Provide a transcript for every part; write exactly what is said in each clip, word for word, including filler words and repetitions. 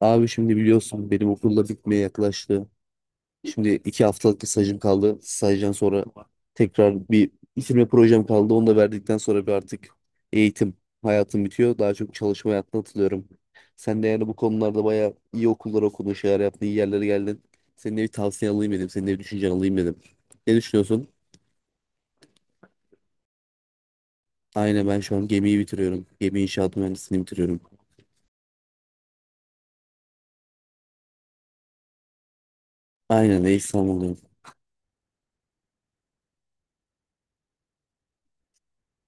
Abi şimdi biliyorsun benim okulda bitmeye yaklaştı. Şimdi iki haftalık bir stajım kaldı. Stajdan sonra tekrar bir bitirme projem kaldı. Onu da verdikten sonra bir artık eğitim hayatım bitiyor. Daha çok çalışma hayatına atılıyorum. Sen de yani bu konularda bayağı iyi okullar okudun, şeyler yaptın, iyi yerlere geldin. Senin de bir tavsiye alayım dedim. Senin de bir düşüncen alayım dedim. Ne düşünüyorsun? Aynen, ben şu an gemiyi bitiriyorum. Gemi inşaat mühendisliğini bitiriyorum. Aynen, eş zamanlı.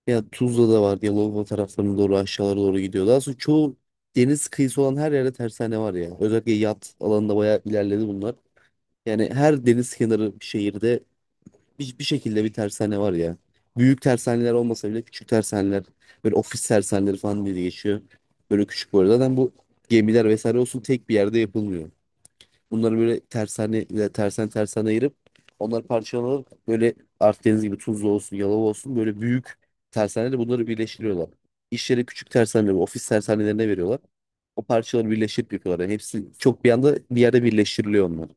Ya Tuzla'da var, Yalova taraflarına doğru aşağılara doğru gidiyor. Daha sonra çoğu deniz kıyısı olan her yerde tersane var ya. Özellikle yat alanında bayağı ilerledi bunlar. Yani her deniz kenarı bir şehirde bir, bir şekilde bir tersane var ya. Büyük tersaneler olmasa bile küçük tersaneler, böyle ofis tersaneleri falan diye geçiyor. Böyle küçük bu arada. Zaten bu gemiler vesaire olsun tek bir yerde yapılmıyor. Bunları böyle tersane tersen tersen ayırıp onları parçalayıp böyle Akdeniz gibi Tuzla olsun, Yalova olsun böyle büyük tersaneyle bunları birleştiriyorlar. İş yeri küçük tersaneler, ofis tersanelerine veriyorlar. O parçaları birleştirip yapıyorlar. Yani hepsi çok bir anda bir yerde birleştiriliyor onlar.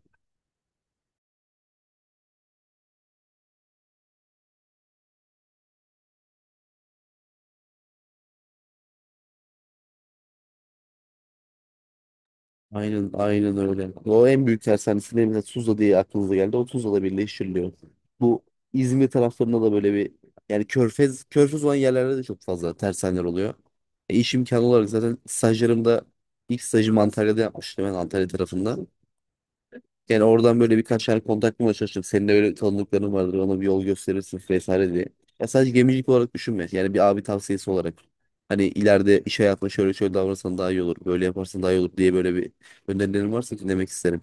Aynen, aynen öyle. O en büyük tersanesilerinden Tuzla diye aklınıza geldi. O Tuzla'da birleştiriliyor. Bu İzmir taraflarında da böyle bir yani körfez körfez olan yerlerde de çok fazla tersaneler oluyor. E, iş imkanı olarak zaten stajlarımda ilk stajımı Antalya'da yapmıştım ben, Antalya tarafında. Yani oradan böyle birkaç yer kontak bulmaya çalıştım. Senin de öyle tanıdıkların vardır. Ona bir yol gösterirsin vesaire diye. Ya sadece gemicilik olarak düşünme. Yani bir abi tavsiyesi olarak. Hani ileride iş hayatında şöyle şöyle davranırsan daha iyi olur. Böyle yaparsan daha iyi olur diye böyle bir önerilerin varsa dinlemek isterim.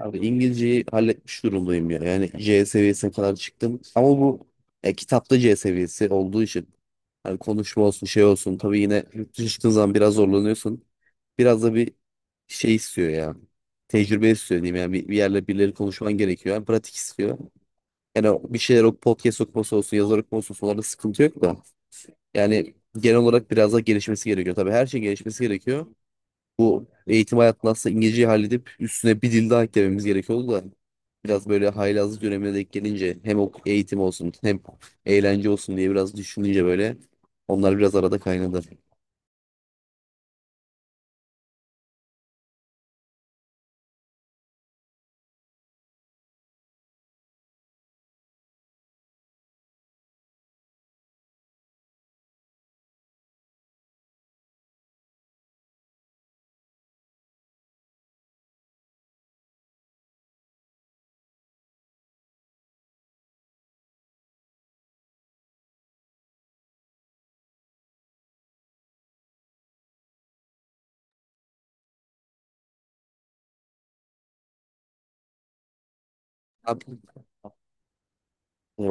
Abi İngilizceyi halletmiş durumdayım ya. Yani C seviyesine kadar çıktım. Ama bu e, kitapta C seviyesi olduğu için hani konuşma olsun şey olsun. Tabii yine yurt dışına çıktığın zaman biraz zorlanıyorsun. Biraz da bir şey istiyor ya. Tecrübe istiyor diyeyim, yani bir, bir yerle birileri konuşman gerekiyor. Yani pratik istiyor. Yani o- bir şeyler, o podcast okuması olsun, yazar okuması olsun, onlarda sıkıntı yok da. Yani genel olarak biraz daha gelişmesi gerekiyor. Tabii her şey gelişmesi gerekiyor. Bu eğitim hayatında aslında İngilizceyi halledip üstüne bir dil daha eklememiz gerekiyordu da biraz böyle haylazlık dönemine denk gelince hem ok- eğitim olsun hem eğlence olsun diye biraz düşününce böyle onlar biraz arada kaynadı. Abi, e,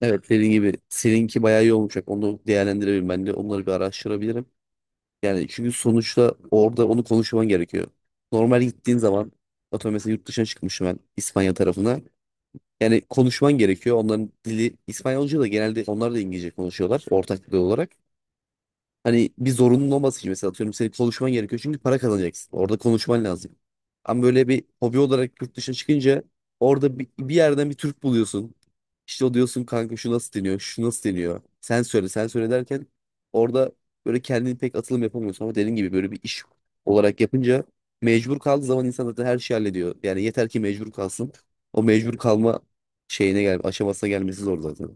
Evet, dediğin gibi seninki bayağı iyi olmayacak. Onu değerlendirebilirim ben de. Onları bir araştırabilirim. Yani çünkü sonuçta orada onu konuşman gerekiyor. Normal gittiğin zaman atıyorum mesela yurt dışına çıkmışım ben, İspanya tarafına. Yani konuşman gerekiyor. Onların dili İspanyolca da genelde onlar da İngilizce konuşuyorlar ortak dil olarak. Hani bir zorunluluğun olması için mesela atıyorum senin konuşman gerekiyor çünkü para kazanacaksın. Orada konuşman lazım. Ama böyle bir hobi olarak yurt dışına çıkınca orada bir, bir yerden bir Türk buluyorsun. İşte o diyorsun, kanka şu nasıl deniyor, şu nasıl deniyor. Sen söyle, sen söyle derken orada böyle kendini pek atılım yapamıyorsun. Ama dediğin gibi böyle bir iş olarak yapınca mecbur kaldığı zaman insan zaten her şeyi hallediyor. Yani yeter ki mecbur kalsın. O mecbur kalma şeyine gel, aşamasına gelmesi zor zaten.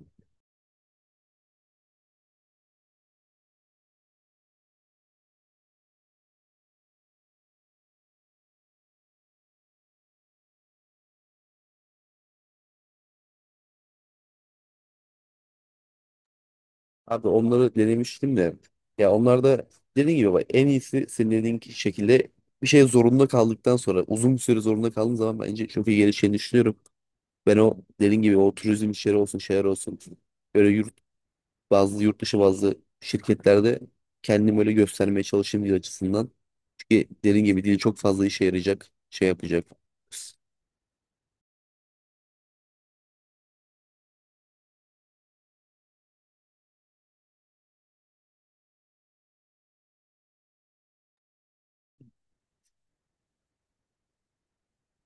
Abi onları denemiştim de. Ya onlar da dediğin gibi bak, en iyisi senin dediğin ki- şekilde bir şey zorunda kaldıktan sonra uzun bir süre zorunda kaldığın zaman bence çok iyi gelişeceğini düşünüyorum. Ben o dediğin gibi o turizm işleri olsun şeyler olsun böyle yurt bazı yurt dışı bazı şirketlerde kendimi öyle göstermeye çalışayım diye açısından. Çünkü dediğin gibi dil çok fazla işe yarayacak şey yapacak.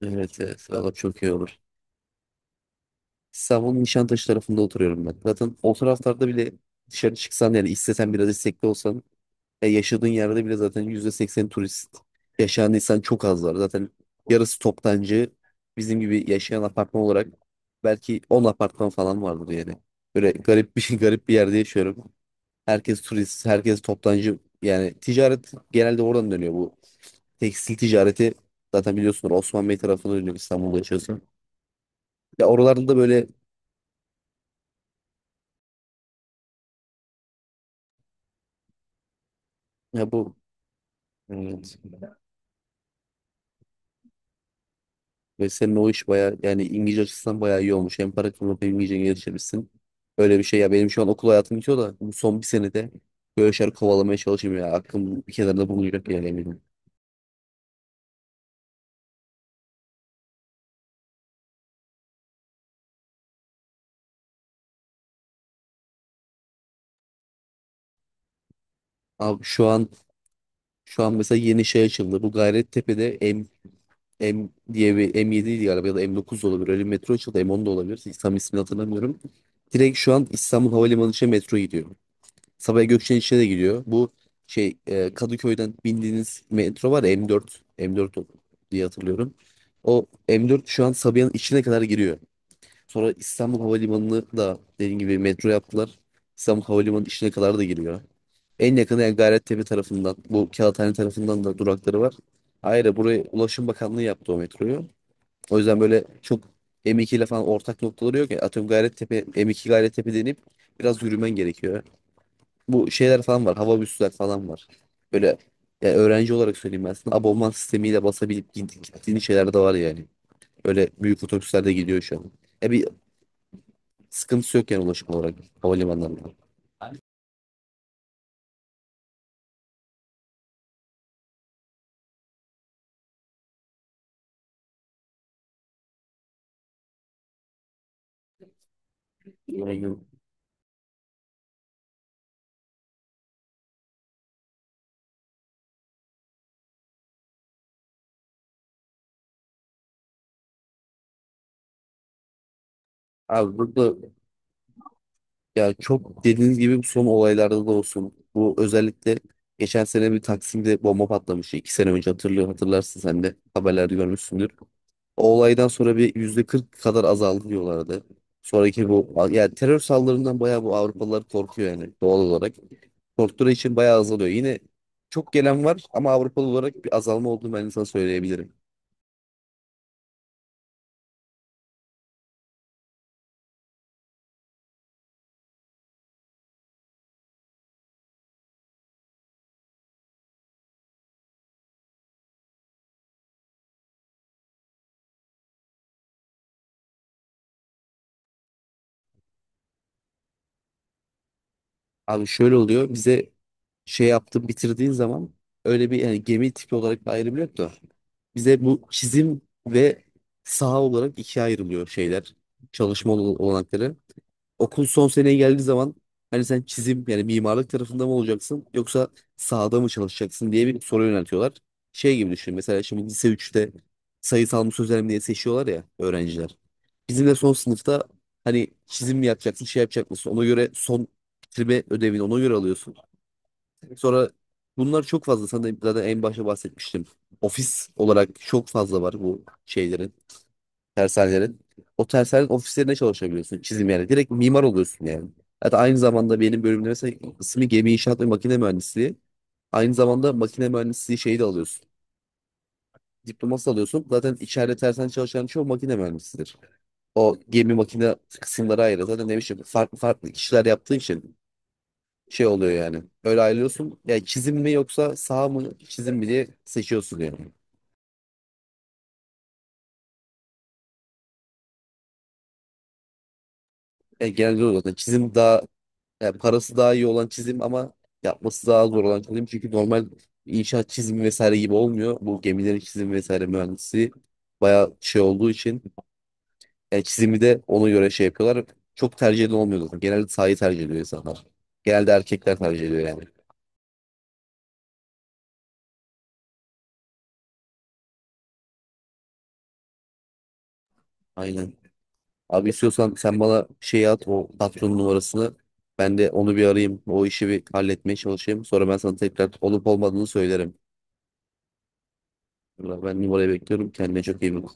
Evet, evet, valla çok iyi olur. İstanbul'un Nişantaşı tarafında oturuyorum ben. Zaten o taraflarda bile dışarı çıksan yani istesen biraz istekli olsan e, yaşadığın yerde bile zaten yüzde seksen turist, yaşayan insan çok az var. Zaten yarısı toptancı, bizim gibi yaşayan apartman olarak belki on apartman falan vardır yani. Böyle garip bir garip bir yerde yaşıyorum. Herkes turist, herkes toptancı. Yani ticaret genelde oradan dönüyor bu. Tekstil ticareti zaten biliyorsunuz Osman Bey tarafına dönüyor, İstanbul'da yaşıyorsun. Ya oralarda da böyle ya bu evet. Ve senin o iş bayağı yani İngilizce açısından bayağı iyi olmuş. Hem para kazanıp hem İngilizce geliştirmişsin. Öyle bir şey ya, benim şu an okul hayatım bitiyor da bu son bir senede böyle şeyler kovalamaya çalışayım ya. Aklım bir kenarda bulunacak yani, eminim. Abi şu an şu an mesela yeni şey açıldı. Bu Gayrettepe'de M M diye bir M yedi ydi galiba, ya da M dokuz da olabilir. Öyle bir metro açıldı. M on da olabilir. Tam ismini hatırlamıyorum. Direkt şu an İstanbul Havalimanı için metro gidiyor. Sabiha Gökçen'in içine de gidiyor. Bu şey e, Kadıköy'den bindiğiniz metro var ya, M dört. M dört o- diye hatırlıyorum. O M dört şu an Sabiha'nın içine kadar giriyor. Sonra İstanbul Havalimanı'nı da dediğim gibi metro yaptılar. İstanbul Havalimanı'nın içine kadar da giriyor. En yakını yani Gayrettepe tarafından, bu Kağıthane tarafından da durakları var. Ayrıca buraya Ulaşım Bakanlığı yaptı o metroyu. O yüzden böyle çok M iki ile falan ortak noktaları yok ya. Atıyorum Gayrettepe, M iki Gayrettepe denip biraz yürümen gerekiyor, bu şeyler falan var. Hava büsler falan var. Böyle ya öğrenci olarak söyleyeyim ben sana, abonman sistemiyle basabilip gid- gittiğin şeyler de var yani. Öyle büyük otobüslerde gidiyor şu an. E bir sıkıntısı yok yani ulaşım olarak havalimanlarında. Yani, abi burada, ya çok dediğiniz gibi bu son olaylarda da olsun. Bu özellikle geçen sene bir Taksim'de bomba patlamıştı. İki sene önce hatırlıyor, hatırlarsın sen de haberlerde görmüşsündür. O olaydan sonra bir yüzde kırk kadar azaldı diyorlardı. Sonraki bu yani terör saldırılarından bayağı bu Avrupalılar korkuyor yani doğal olarak. Korktukları için bayağı azalıyor. Yine çok gelen var ama Avrupalı olarak bir azalma olduğunu ben sana söyleyebilirim. Abi şöyle oluyor. Bize şey yaptın bitirdiğin zaman öyle bir yani gemi tipi olarak bir ayrım yok da bize bu çizim ve saha olarak ikiye ayrılıyor şeyler. Çalışma ol- olanakları okul son seneye geldiği zaman hani sen çizim yani mimarlık tarafında mı olacaksın yoksa sahada mı çalışacaksın diye bir soru yöneltiyorlar. Şey gibi düşün, mesela şimdi lise üçte sayısal mı sözel mi diye seçiyorlar ya öğrenciler. Bizim de son sınıfta hani çizim mi yapacaksın şey yapacak mısın, ona göre son bitirme ödevini ona göre alıyorsun. Sonra bunlar çok fazla, sana da zaten en başta bahsetmiştim. Ofis olarak çok fazla var bu şeylerin, tersanelerin. O tersanelerin ofislerinde çalışabiliyorsun. Çizim yani. Direkt mimar oluyorsun yani. Hatta aynı zamanda benim bölümde mesela ismi gemi inşaat ve makine mühendisliği. Aynı zamanda makine mühendisliği şeyi de alıyorsun. Diploması alıyorsun. Zaten içeride tersen çalışan çoğu makine mühendisidir. O gemi makine kısımları ayrı. Zaten ne bileyim farklı farklı kişiler yaptığın için şey oluyor yani. Öyle ayrılıyorsun. Yani çizim mi yoksa sağ mı çizim mi diye seçiyorsun yani. E, genelde o zaten çizim daha. Yani parası daha iyi olan çizim ama yapması daha zor olan çizim. Çünkü normal inşaat çizimi vesaire gibi olmuyor. Bu gemilerin çizimi vesaire mühendisi bayağı şey olduğu için yani çizimi de ona göre şey yapıyorlar. Çok tercih eden olmuyor zaten. Genelde sahayı tercih ediyor insanlar. Genelde erkekler tercih ediyor yani. Aynen. Abi istiyorsan sen bana şey at, o patronun numarasını. Ben de onu bir arayayım. O işi bir halletmeye çalışayım. Sonra ben sana tekrar olup olmadığını söylerim. Ben numarayı bekliyorum. Kendine çok iyi bak.